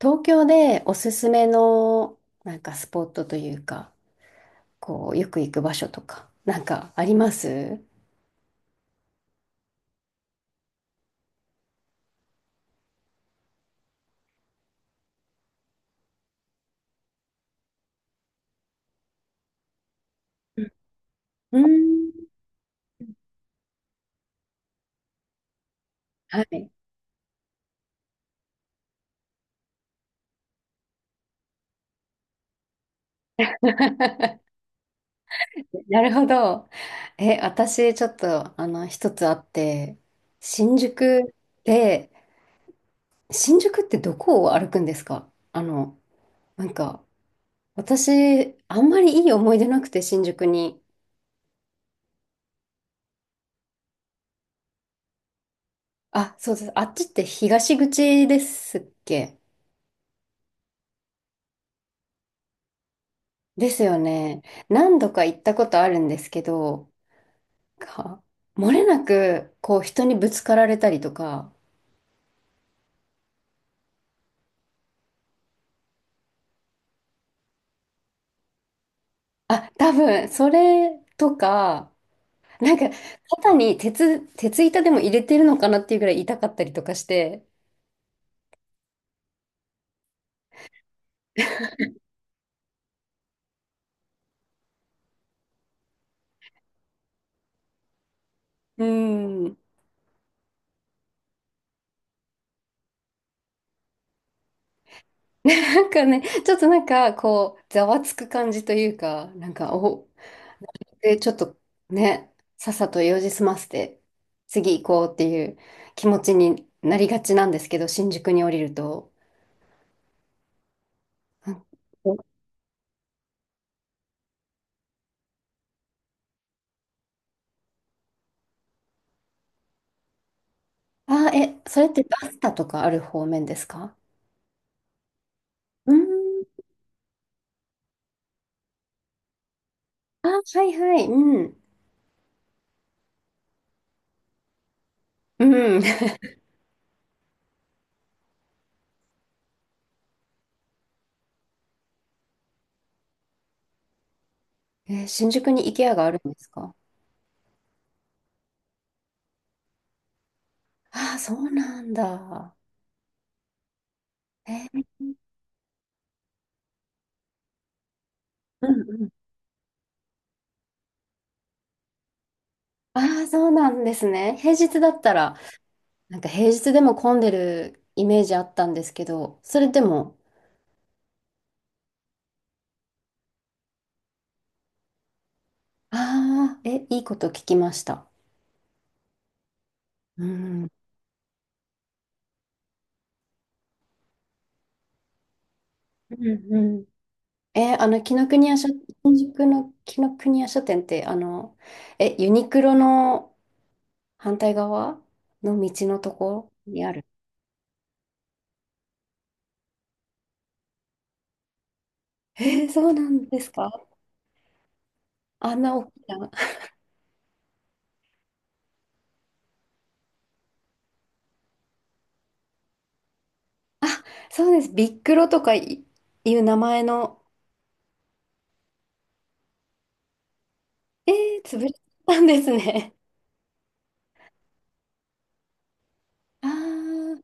東京でおすすめの、なんかスポットというか、こうよく行く場所とか、なんかありますうーん。はい。なるほど。え、私ちょっと一つあって、新宿で、新宿ってどこを歩くんですか？なんか私あんまりいい思い出なくて新宿に。あ、そうです。あっちって東口ですっけ？ですよね。何度か行ったことあるんですけど、か、漏れなく、こう、人にぶつかられたりとか、あ、多分、それとか、なんか、肩に鉄板でも入れてるのかなっていうぐらい痛かったりとかして。うん。なんかね、ちょっとなんか、こう、ざわつく感じというか、なんか、で、ちょっとね、さっさと用事済ませて、次行こうっていう気持ちになりがちなんですけど、新宿に降りると。うん。あ、え、それってバスタとかある方面ですか？うーん。あ、はいはい。うん。うん。えー、新宿に IKEA があるんですか？ああ、そうなんだ。えー。うんうん。ああ、そうなんですね。平日だったら、なんか平日でも混んでるイメージあったんですけど、それでも、ああ、え、いいこと聞きました。うん。うんうん。えーあの、紀ノ国屋書、新宿の紀ノ国屋書店って、ユニクロの、反対側の道のところにある。えー、そうなんですか？あんな大きな。そうです。ビックロとかいう名前の。えー、潰れたんですね。あ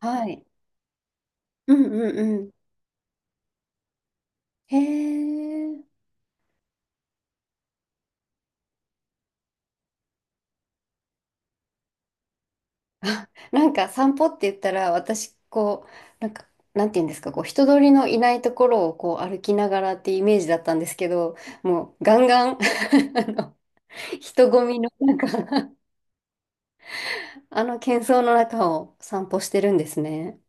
あ、はい。うんうんうん。へえ。あ、なんか散歩って言ったら、私、こう、なんか、なんて言うんですか、こう、人通りのいないところをこう歩きながらってイメージだったんですけど、もうガンガン あの人混みの中、あの喧騒の中を散歩してるんですね。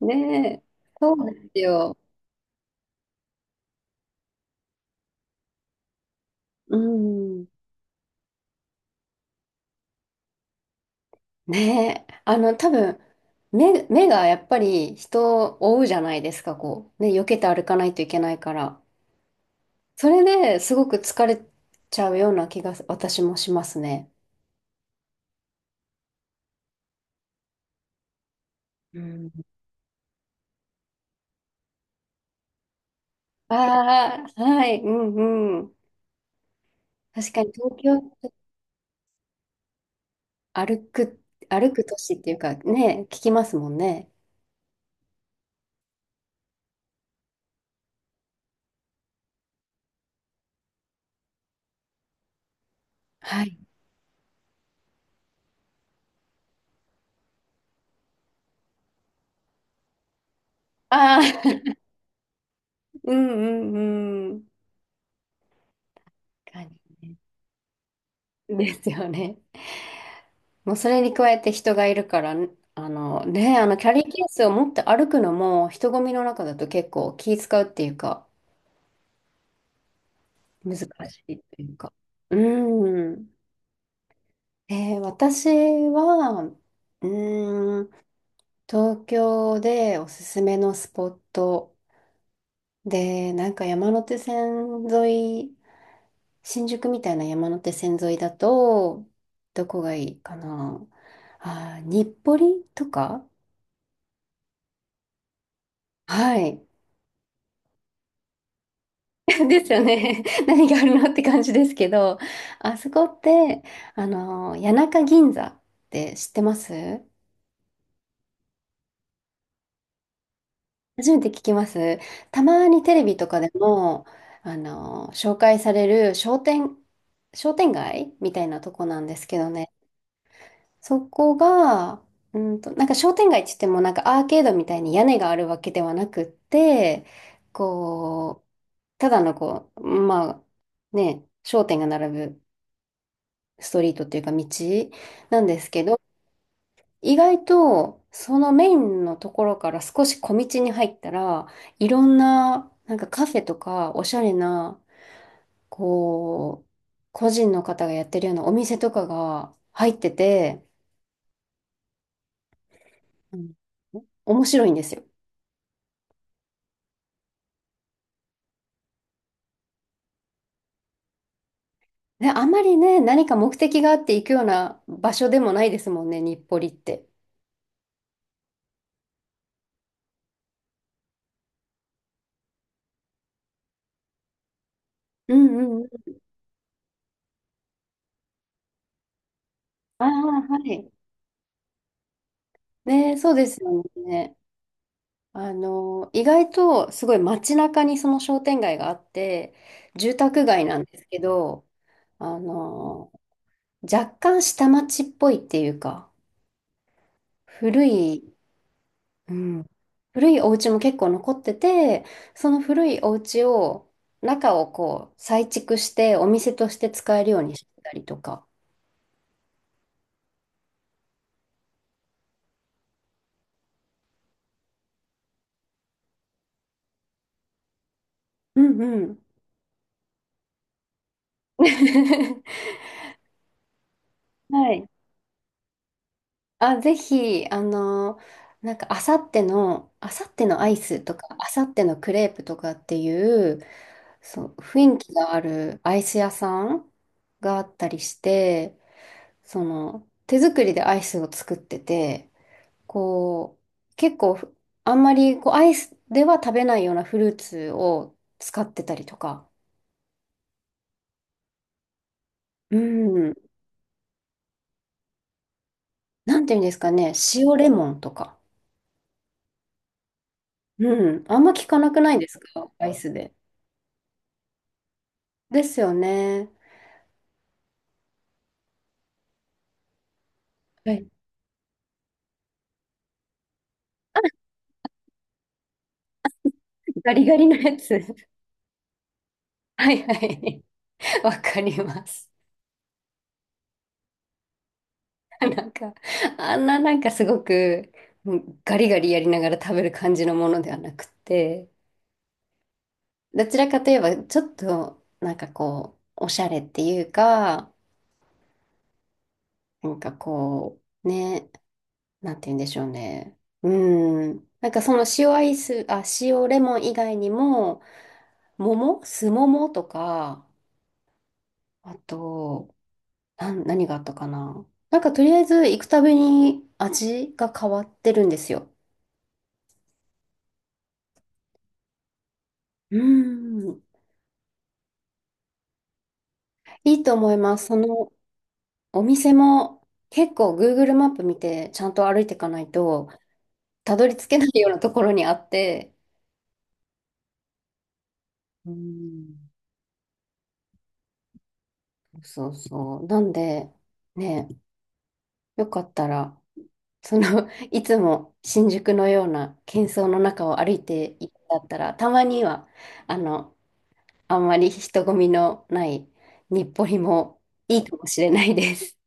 ねえ、そうですよ。うん。ねえ、多分、目がやっぱり人を追うじゃないですか、こう。ね、避けて歩かないといけないから。それですごく疲れちゃうような気が私もしますね。うん。ああ、はい、うんうん。確かに東京、歩く、歩く都市っていうかね、聞きますもんね。はい。ああ、うんうんうん。確かにね。ですよね。もうそれに加えて人がいるから、ね、キャリーケースを持って歩くのも人混みの中だと結構気使うっていうか、難しいっていうか。うん。私は、ーん、東京でおすすめのスポットで、なんか山手線沿い、新宿みたいな山手線沿いだと、どこがいいかな。あー、日暮里とか？はい。ですよね。何があるのって感じですけど、あそこって、谷中銀座って知ってます？初めて聞きます。たまにテレビとかでも、紹介される商店街みたいなとこなんですけどね。そこが、なんか商店街って言っても、なんかアーケードみたいに屋根があるわけではなくって、こう、ただのこう、まあ、ね、商店が並ぶ。ストリートっていうか道なんですけど、意外とそのメインのところから少し小道に入ったら、いろんななんかカフェとかおしゃれな、こう、個人の方がやってるようなお店とかが入ってて、うん、面白いんですよ。で、あまりね、何か目的があって行くような場所でもないですもんね、日暮里って。うんうんうん。ああ、はい。ね、そうですよね。意外とすごい街中にその商店街があって、住宅街なんですけど、あの、若干下町っぽいっていうか、古い、うん、古いお家も結構残ってて、その古いお家を、中をこう再築してお店として使えるようにしてたりとか。うんうん。はい。あ、ぜひ、なんか、あさってのアイスとか、あさってのクレープとかっていう、そう、雰囲気があるアイス屋さんがあったりして、その、手作りでアイスを作ってて、こう、結構、あんまり、こう、アイスでは食べないようなフルーツを使ってたりとか、うん、なんていうんですかね、塩レモンとか、うん、あんま聞かなくないですか、アイスで。ですよね。はい。ガリガリのやつ。はいはい。わかります。なんか、あんななんかすごく、もうガリガリやりながら食べる感じのものではなくて、どちらかといえば、ちょっと、なんかこう、おしゃれっていうか、なんかこう、ね、なんて言うんでしょうね。うん。なんかその塩アイス、あ、塩レモン以外にも、桃、酢桃とか、あと、何があったかな。なんかとりあえず行くたびに味が変わってるんですよ。うーん。いいと思います。そのお店も結構グーグルマップ見てちゃんと歩いていかないとたどり着けないようなところにあって。うーん。そうそう。なんで、ね、よかったら、その、いつも新宿のような喧騒の中を歩いていくんだったら、たまには、あの、あんまり人混みのない日暮里もいいかもしれないです。